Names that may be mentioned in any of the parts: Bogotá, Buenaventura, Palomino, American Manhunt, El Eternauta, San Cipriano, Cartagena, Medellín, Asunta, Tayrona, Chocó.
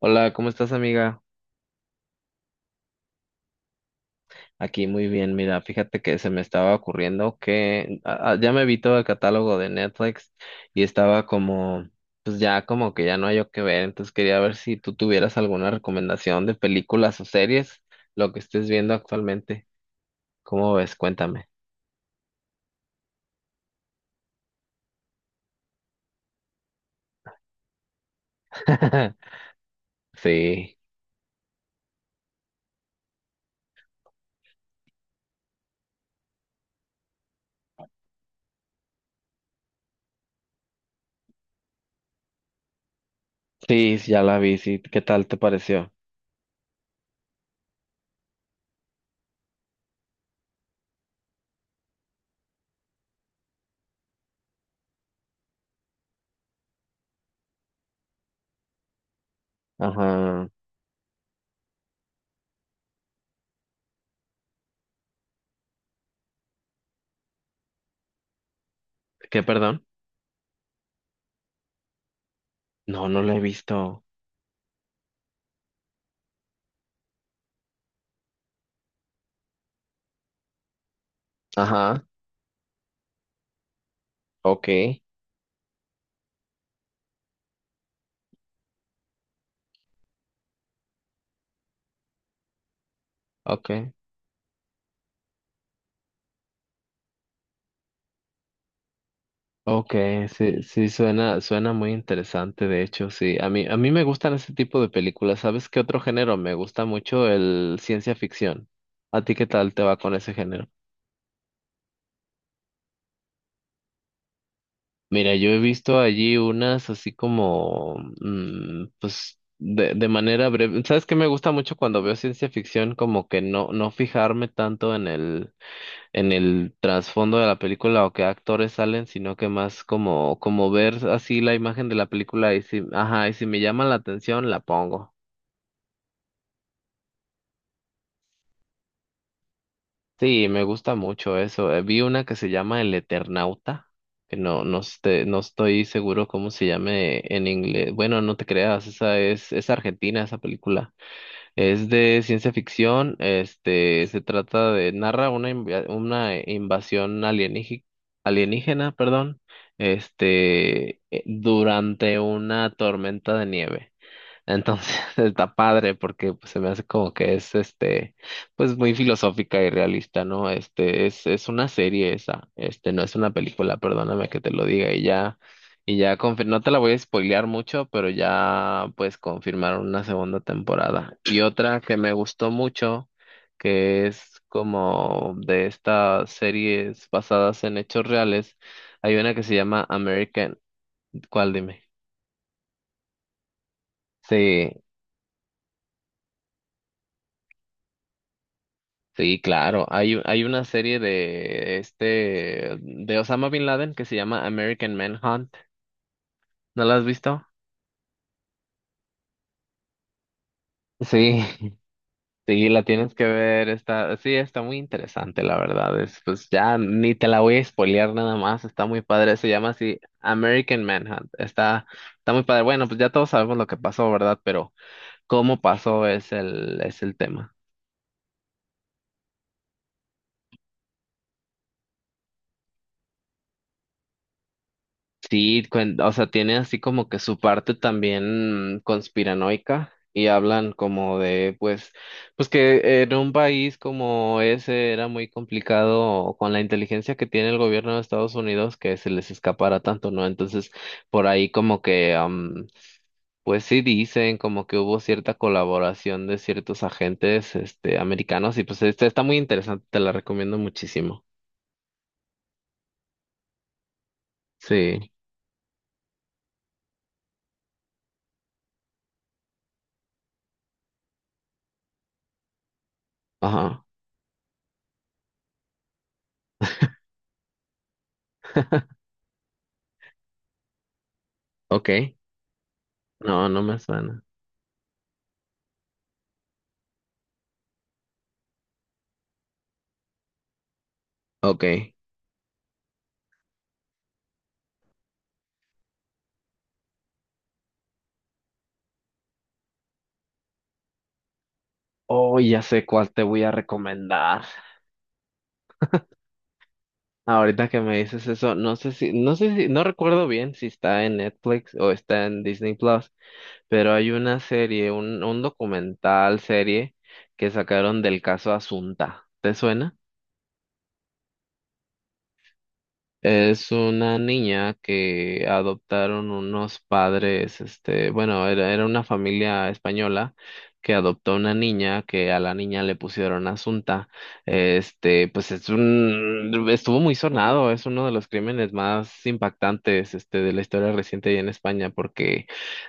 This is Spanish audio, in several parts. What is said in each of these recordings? Hola, ¿cómo estás, amiga? Aquí muy bien, mira, fíjate que se me estaba ocurriendo que ya me vi todo el catálogo de Netflix y estaba como, pues ya como que ya no hay yo que ver, entonces quería ver si tú tuvieras alguna recomendación de películas o series, lo que estés viendo actualmente. ¿Cómo ves? Cuéntame. Sí, sí, sí, ya la vi, sí. ¿Qué tal te pareció? Ajá. ¿Qué, perdón? No, no la he visto. Ajá. Ok, ok. Okay, sí, suena muy interesante, de hecho, sí. A mí me gustan ese tipo de películas. ¿Sabes qué otro género? Me gusta mucho el ciencia ficción. ¿A ti qué tal te va con ese género? Mira, yo he visto allí unas así como, pues, de manera breve. ¿Sabes qué me gusta mucho cuando veo ciencia ficción? Como que no fijarme tanto en el trasfondo de la película o qué actores salen, sino que más como, como ver así la imagen de la película y si, ajá, y si me llama la atención, la pongo. Sí, me gusta mucho eso. Vi una que se llama El Eternauta, que no, no, este- no estoy seguro cómo se llame en inglés. Bueno, no te creas, esa es argentina esa película. Es de ciencia ficción, este, se trata de, narra una, una invasión alienígena, alienígena, perdón, durante una tormenta de nieve. Entonces está padre porque pues, se me hace como que es este pues muy filosófica y realista, ¿no? Este es una serie esa, este no es una película, perdóname que te lo diga y ya no te la voy a spoilear mucho, pero ya pues confirmaron una segunda temporada. Y otra que me gustó mucho que es como de estas series basadas en hechos reales, hay una que se llama American, ¿cuál dime? Sí, sí, claro. Hay una serie de este de Osama Bin Laden que se llama American Manhunt. ¿No la has visto? Sí, sí, la tienes que ver. Está, sí, está muy interesante, la verdad. Es, pues ya ni te la voy a spoilear nada más. Está muy padre. Se llama así American Manhunt. Está, está muy padre. Bueno, pues ya todos sabemos lo que pasó, ¿verdad? Pero cómo pasó es el tema. Sí, o sea, tiene así como que su parte también conspiranoica y hablan como de, pues, pues que en un país como ese era muy complicado con la inteligencia que tiene el gobierno de Estados Unidos que se les escapara tanto, ¿no? Entonces, por ahí como que, pues sí dicen como que hubo cierta colaboración de ciertos agentes, este, americanos y pues esta está muy interesante, te la recomiendo muchísimo. Sí, ajá, ok, no, no me suena. Ok. Oh, ya sé cuál te voy a recomendar. Ahorita que me dices eso, no sé si, no recuerdo bien si está en Netflix o está en Disney Plus, pero hay una serie, un documental serie que sacaron del caso Asunta. ¿Te suena? Es una niña que adoptaron unos padres, este, bueno, era una familia española que adoptó una niña que a la niña le pusieron Asunta. Este, pues es un, estuvo muy sonado, es uno de los crímenes más impactantes, este, de la historia reciente y en España, porque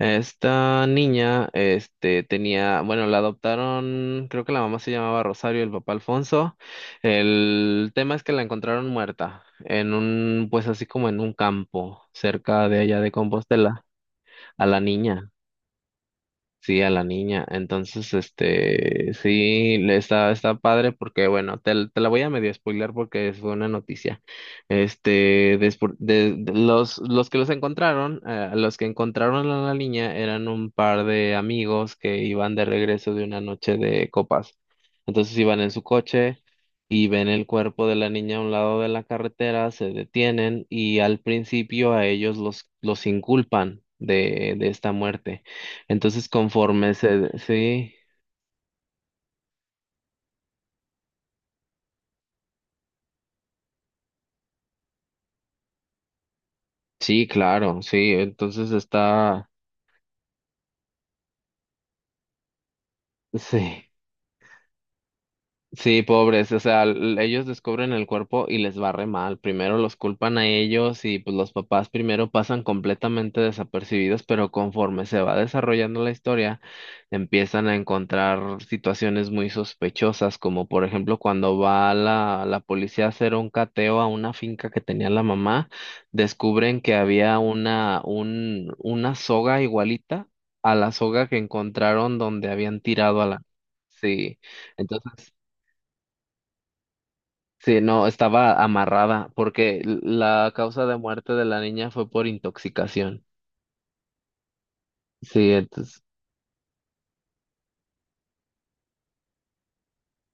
esta niña, este, tenía, bueno, la adoptaron, creo que la mamá se llamaba Rosario, el papá Alfonso. El tema es que la encontraron muerta en un, pues así como en un campo cerca de allá de Compostela, a la niña. Sí, a la niña. Entonces, este, sí, le está, está padre porque, bueno, te la voy a medio spoiler porque fue una noticia. Este, de los que los encontraron, los que encontraron a la niña eran un par de amigos que iban de regreso de una noche de copas. Entonces iban en su coche y ven el cuerpo de la niña a un lado de la carretera, se detienen y al principio a ellos los inculpan de esta muerte. Entonces, conforme se, sí, sí, claro, sí, entonces está, sí, sí, pobres, o sea, ellos descubren el cuerpo y les va re mal. Primero los culpan a ellos y pues los papás primero pasan completamente desapercibidos, pero conforme se va desarrollando la historia, empiezan a encontrar situaciones muy sospechosas, como por ejemplo cuando va la policía a hacer un cateo a una finca que tenía la mamá, descubren que había una soga igualita a la soga que encontraron donde habían tirado a la... Sí. Entonces, sí, no, estaba amarrada porque la causa de muerte de la niña fue por intoxicación. Sí, entonces,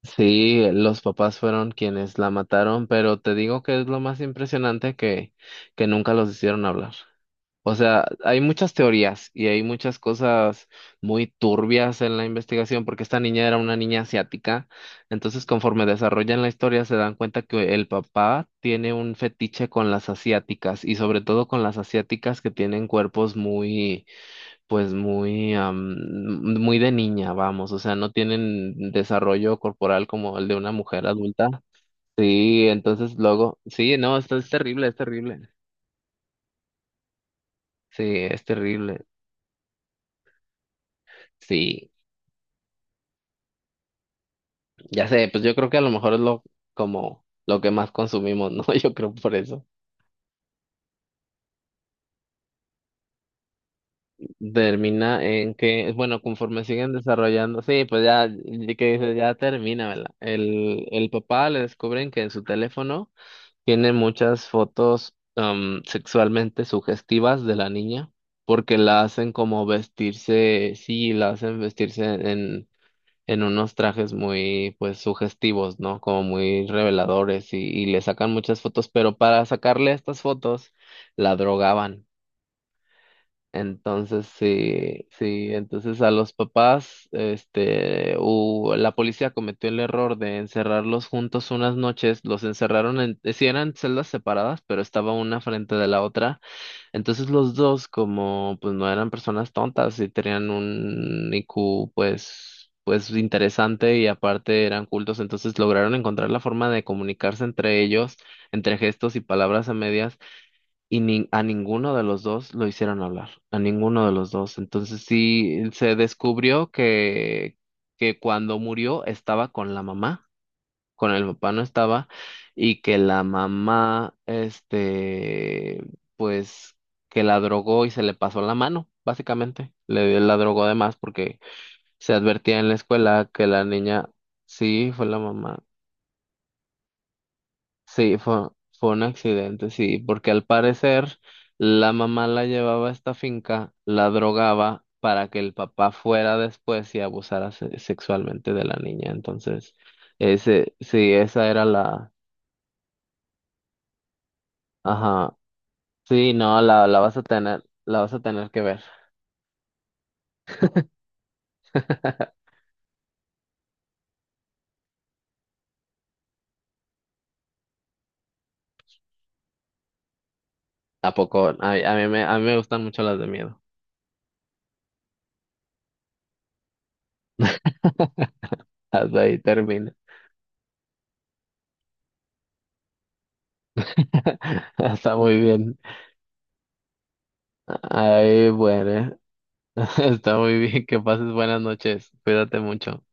sí, los papás fueron quienes la mataron, pero te digo que es lo más impresionante que nunca los hicieron hablar. O sea, hay muchas teorías y hay muchas cosas muy turbias en la investigación porque esta niña era una niña asiática. Entonces, conforme desarrollan la historia, se dan cuenta que el papá tiene un fetiche con las asiáticas y sobre todo con las asiáticas que tienen cuerpos muy, pues muy, am, muy de niña, vamos. O sea, no tienen desarrollo corporal como el de una mujer adulta. Sí, entonces luego, sí, no, esto es terrible, es terrible. Sí, es terrible. Sí. Ya sé, pues yo creo que a lo mejor es lo como lo que más consumimos, ¿no? Yo creo por eso. Termina en que, bueno, conforme siguen desarrollando, sí, pues ya, y que dices, ya termina, ¿verdad? El papá le descubren que en su teléfono tiene muchas fotos sexualmente sugestivas de la niña, porque la hacen como vestirse, sí, la hacen vestirse en unos trajes muy, pues, sugestivos, ¿no? Como muy reveladores y le sacan muchas fotos, pero para sacarle estas fotos la drogaban. Entonces, sí, sí, entonces a los papás, este, la policía cometió el error de encerrarlos juntos unas noches, los encerraron en, sí eran celdas separadas, pero estaba una frente de la otra entonces los dos, como pues no eran personas tontas y tenían un IQ pues, pues interesante y aparte eran cultos, entonces lograron encontrar la forma de comunicarse entre ellos, entre gestos y palabras a medias, y a ninguno de los dos lo hicieron hablar, a ninguno de los dos. Entonces sí se descubrió que cuando murió estaba con la mamá con el papá no estaba y que la mamá, este, pues que la drogó y se le pasó la mano, básicamente. Le la drogó de más porque se advertía en la escuela que la niña, sí, fue la mamá, sí, fue un accidente, sí, porque al parecer la mamá la llevaba a esta finca, la drogaba. Para que el papá fuera después y sexualmente de la niña. Entonces, ese, sí, esa era la, ajá, sí, no, la vas a tener, la vas a tener que ver. ¿A poco? A, a mí me gustan mucho las de miedo. Hasta ahí termina. Está muy bien. Ay, bueno. Está muy bien. Que pases buenas noches. Cuídate mucho.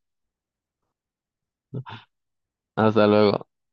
Hasta luego.